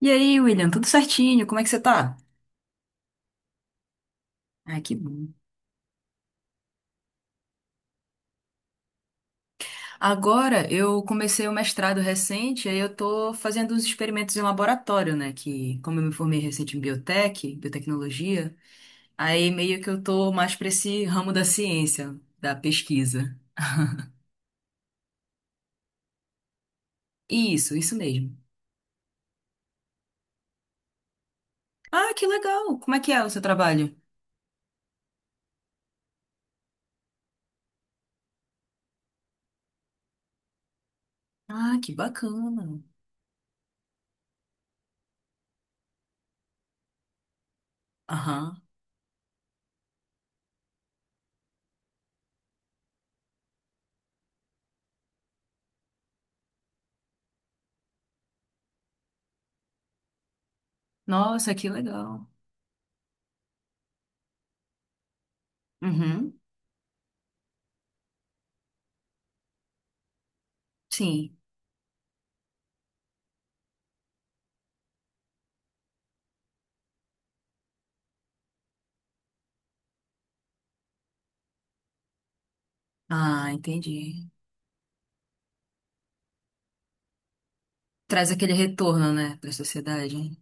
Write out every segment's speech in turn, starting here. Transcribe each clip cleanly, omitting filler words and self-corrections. E aí, William, tudo certinho? Como é que você tá? Ah, que bom. Agora, eu comecei o mestrado recente, aí eu tô fazendo uns experimentos em laboratório, né? Que, como eu me formei recente em biotech, biotecnologia, aí meio que eu tô mais pra esse ramo da ciência, da pesquisa. Isso mesmo. Ah, que legal! Como é que é o seu trabalho? Ah, que bacana. Aham. Nossa, que legal. Uhum. Sim. Ah, entendi. Traz aquele retorno, né, pra sociedade.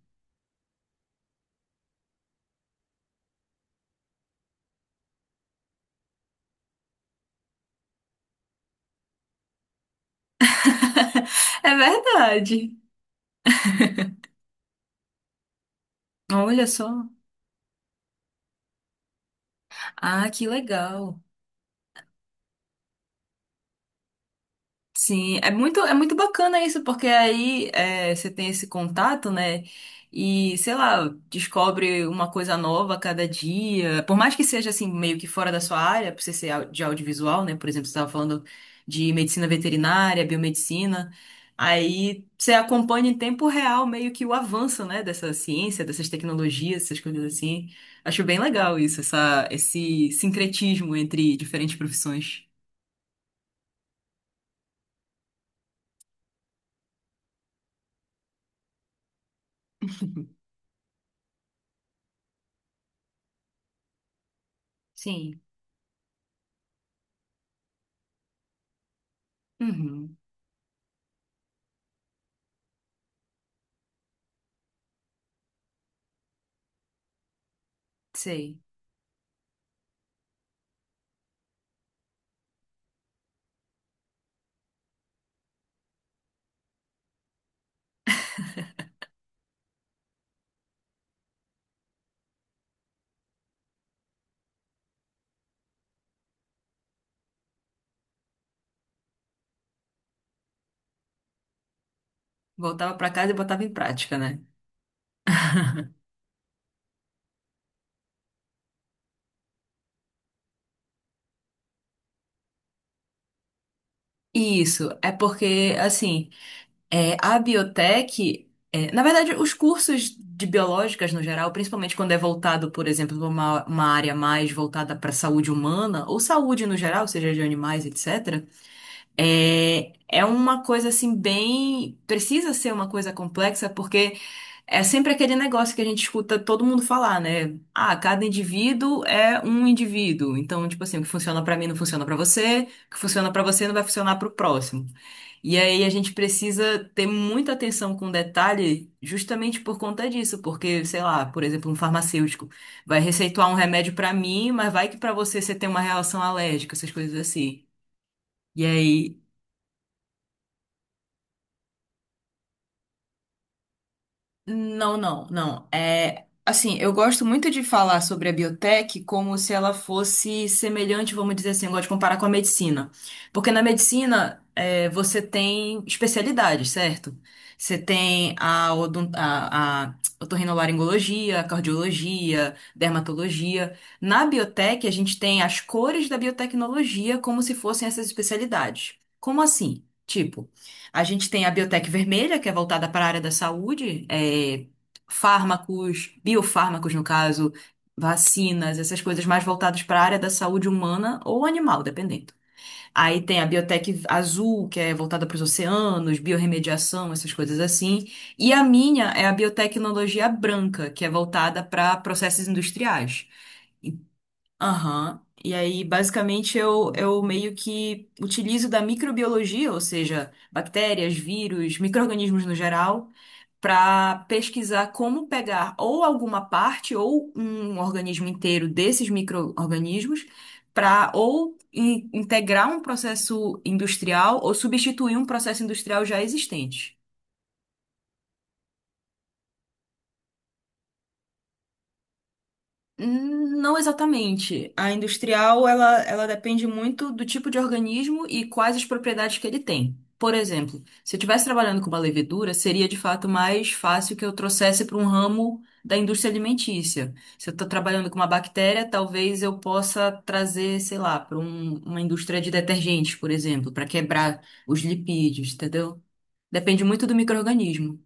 É verdade. Olha só. Ah, que legal. Sim, é muito bacana isso, porque aí é, você tem esse contato, né? E, sei lá, descobre uma coisa nova a cada dia. Por mais que seja, assim, meio que fora da sua área, por você ser de audiovisual, né? Por exemplo, você estava falando de medicina veterinária, biomedicina. Aí você acompanha em tempo real meio que o avanço, né? Dessa ciência, dessas tecnologias, essas coisas assim. Acho bem legal isso, esse sincretismo entre diferentes profissões. Sim. Uhum. Sei. Voltava para casa e botava em prática, né? Isso, é porque, assim, é, a biotech, é, na verdade, os cursos de biológicas no geral, principalmente quando é voltado, por exemplo, para uma área mais voltada para saúde humana, ou saúde no geral, seja de animais, etc., é, é uma coisa, assim, bem. Precisa ser uma coisa complexa, porque. É sempre aquele negócio que a gente escuta todo mundo falar, né? Ah, cada indivíduo é um indivíduo. Então, tipo assim, o que funciona pra mim não funciona pra você, o que funciona pra você não vai funcionar pro próximo. E aí a gente precisa ter muita atenção com detalhe justamente por conta disso, porque, sei lá, por exemplo, um farmacêutico vai receituar um remédio pra mim, mas vai que pra você tem uma reação alérgica, essas coisas assim. E aí Não, não, não. É, assim, eu gosto muito de falar sobre a biotech como se ela fosse semelhante, vamos dizer assim, eu gosto de comparar com a medicina. Porque na medicina, é, você tem especialidades, certo? Você tem a otorrinolaringologia, a cardiologia, dermatologia. Na biotech, a gente tem as cores da biotecnologia como se fossem essas especialidades. Como assim? Tipo, a gente tem a Biotec Vermelha, que é voltada para a área da saúde, é, fármacos, biofármacos, no caso, vacinas, essas coisas mais voltadas para a área da saúde humana ou animal, dependendo. Aí tem a Biotec Azul, que é voltada para os oceanos, biorremediação, essas coisas assim. E a minha é a Biotecnologia Branca, que é voltada para processos industriais. Aham. E aí, basicamente, eu meio que utilizo da microbiologia, ou seja, bactérias, vírus, micro-organismos no geral, para pesquisar como pegar ou alguma parte ou um organismo inteiro desses micro-organismos para ou integrar um processo industrial ou substituir um processo industrial já existente. Não exatamente. A industrial, ela depende muito do tipo de organismo e quais as propriedades que ele tem. Por exemplo, se eu estivesse trabalhando com uma levedura, seria de fato mais fácil que eu trouxesse para um ramo da indústria alimentícia. Se eu estou trabalhando com uma bactéria, talvez eu possa trazer, sei lá, para uma indústria de detergentes, por exemplo, para quebrar os lipídios, entendeu? Depende muito do micro-organismo.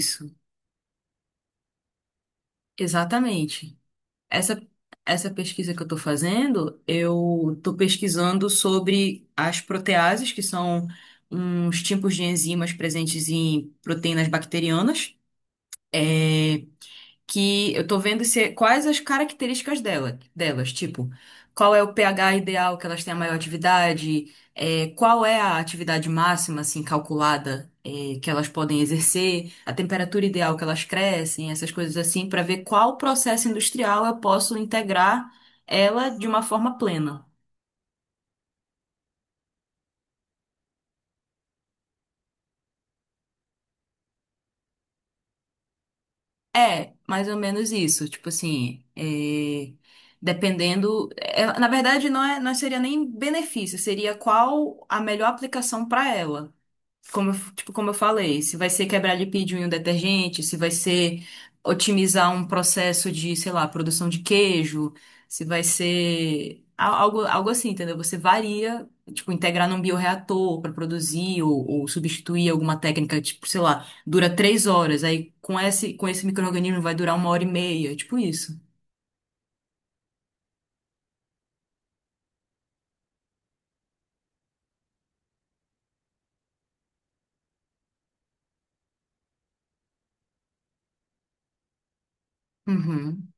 Isso, exatamente. Essa, essa pesquisa que eu estou fazendo, eu estou pesquisando sobre as proteases, que são uns tipos de enzimas presentes em proteínas bacterianas. É, que eu tô vendo se, é, quais as características dela, delas, tipo, qual é o pH ideal que elas têm a maior atividade, é, qual é a atividade máxima, assim, calculada, é, que elas podem exercer, a temperatura ideal que elas crescem, essas coisas assim, para ver qual processo industrial eu posso integrar ela de uma forma plena. É, mais ou menos isso. Tipo assim, é, dependendo. É, na verdade, não é, não seria nem benefício, seria qual a melhor aplicação para ela como, tipo, como eu falei, se vai ser quebrar lipídio em um detergente, se vai ser otimizar um processo de, sei lá, produção de queijo, se vai ser algo, algo assim, entendeu? Você varia, tipo, integrar num bioreator para produzir ou substituir alguma técnica, tipo, sei lá, dura 3 horas, aí com esse micro-organismo vai durar 1 hora e meia, tipo isso. Uhum.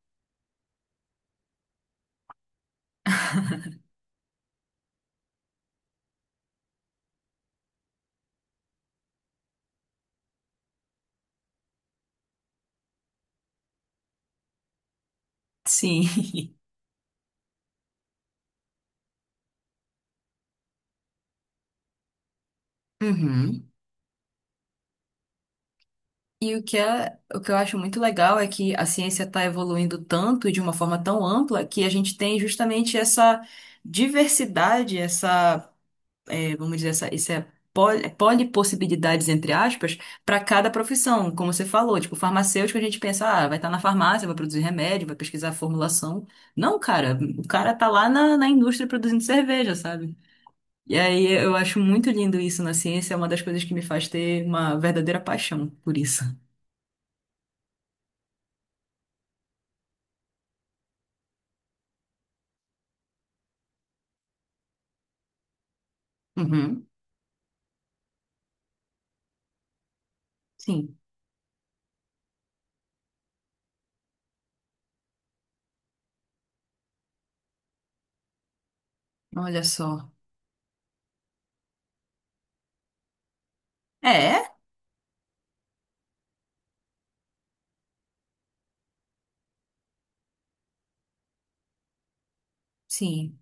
Sim. Uhum. E o que eu acho muito legal é que a ciência está evoluindo tanto e de uma forma tão ampla que a gente tem justamente essa diversidade, essa, eh, vamos dizer, essa polipossibilidades, entre aspas, para cada profissão, como você falou. Tipo, farmacêutico, a gente pensa, ah, vai estar na farmácia, vai produzir remédio, vai pesquisar formulação. Não, cara, o cara tá lá na, na indústria produzindo cerveja, sabe? E aí eu acho muito lindo isso na ciência, é uma das coisas que me faz ter uma verdadeira paixão por isso. Uhum. Sim, olha só. É? Sim.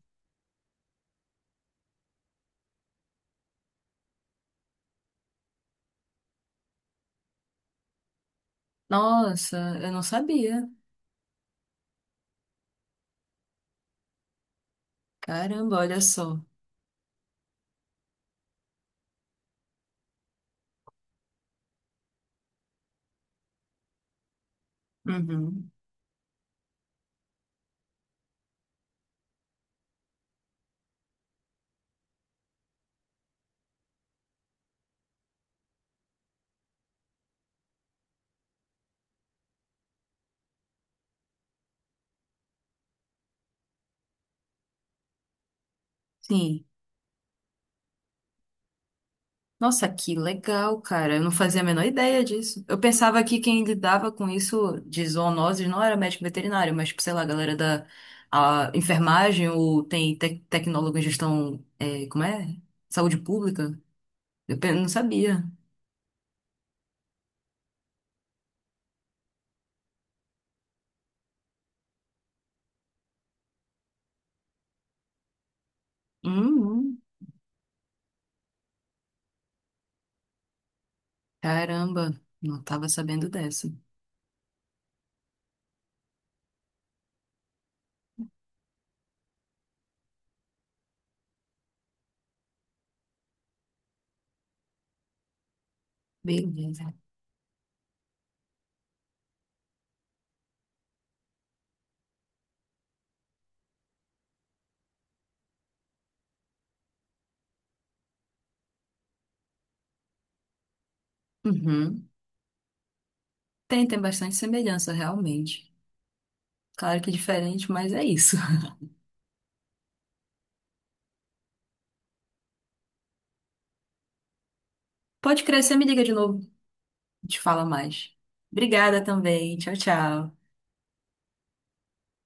Nossa, eu não sabia. Caramba, olha só. Uhum. Sim. Nossa, que legal, cara. Eu não fazia a menor ideia disso. Eu pensava que quem lidava com isso de zoonoses não era médico veterinário, mas, tipo, sei lá, a galera da a enfermagem ou tem tecnólogo em gestão, é, como é? Saúde pública. Não sabia. Uhum. Caramba, não tava sabendo dessa. Beleza. Uhum. Tem bastante semelhança, realmente. Claro que diferente, mas é isso. Pode crescer, me liga de novo, te fala mais. Obrigada também. Tchau, tchau.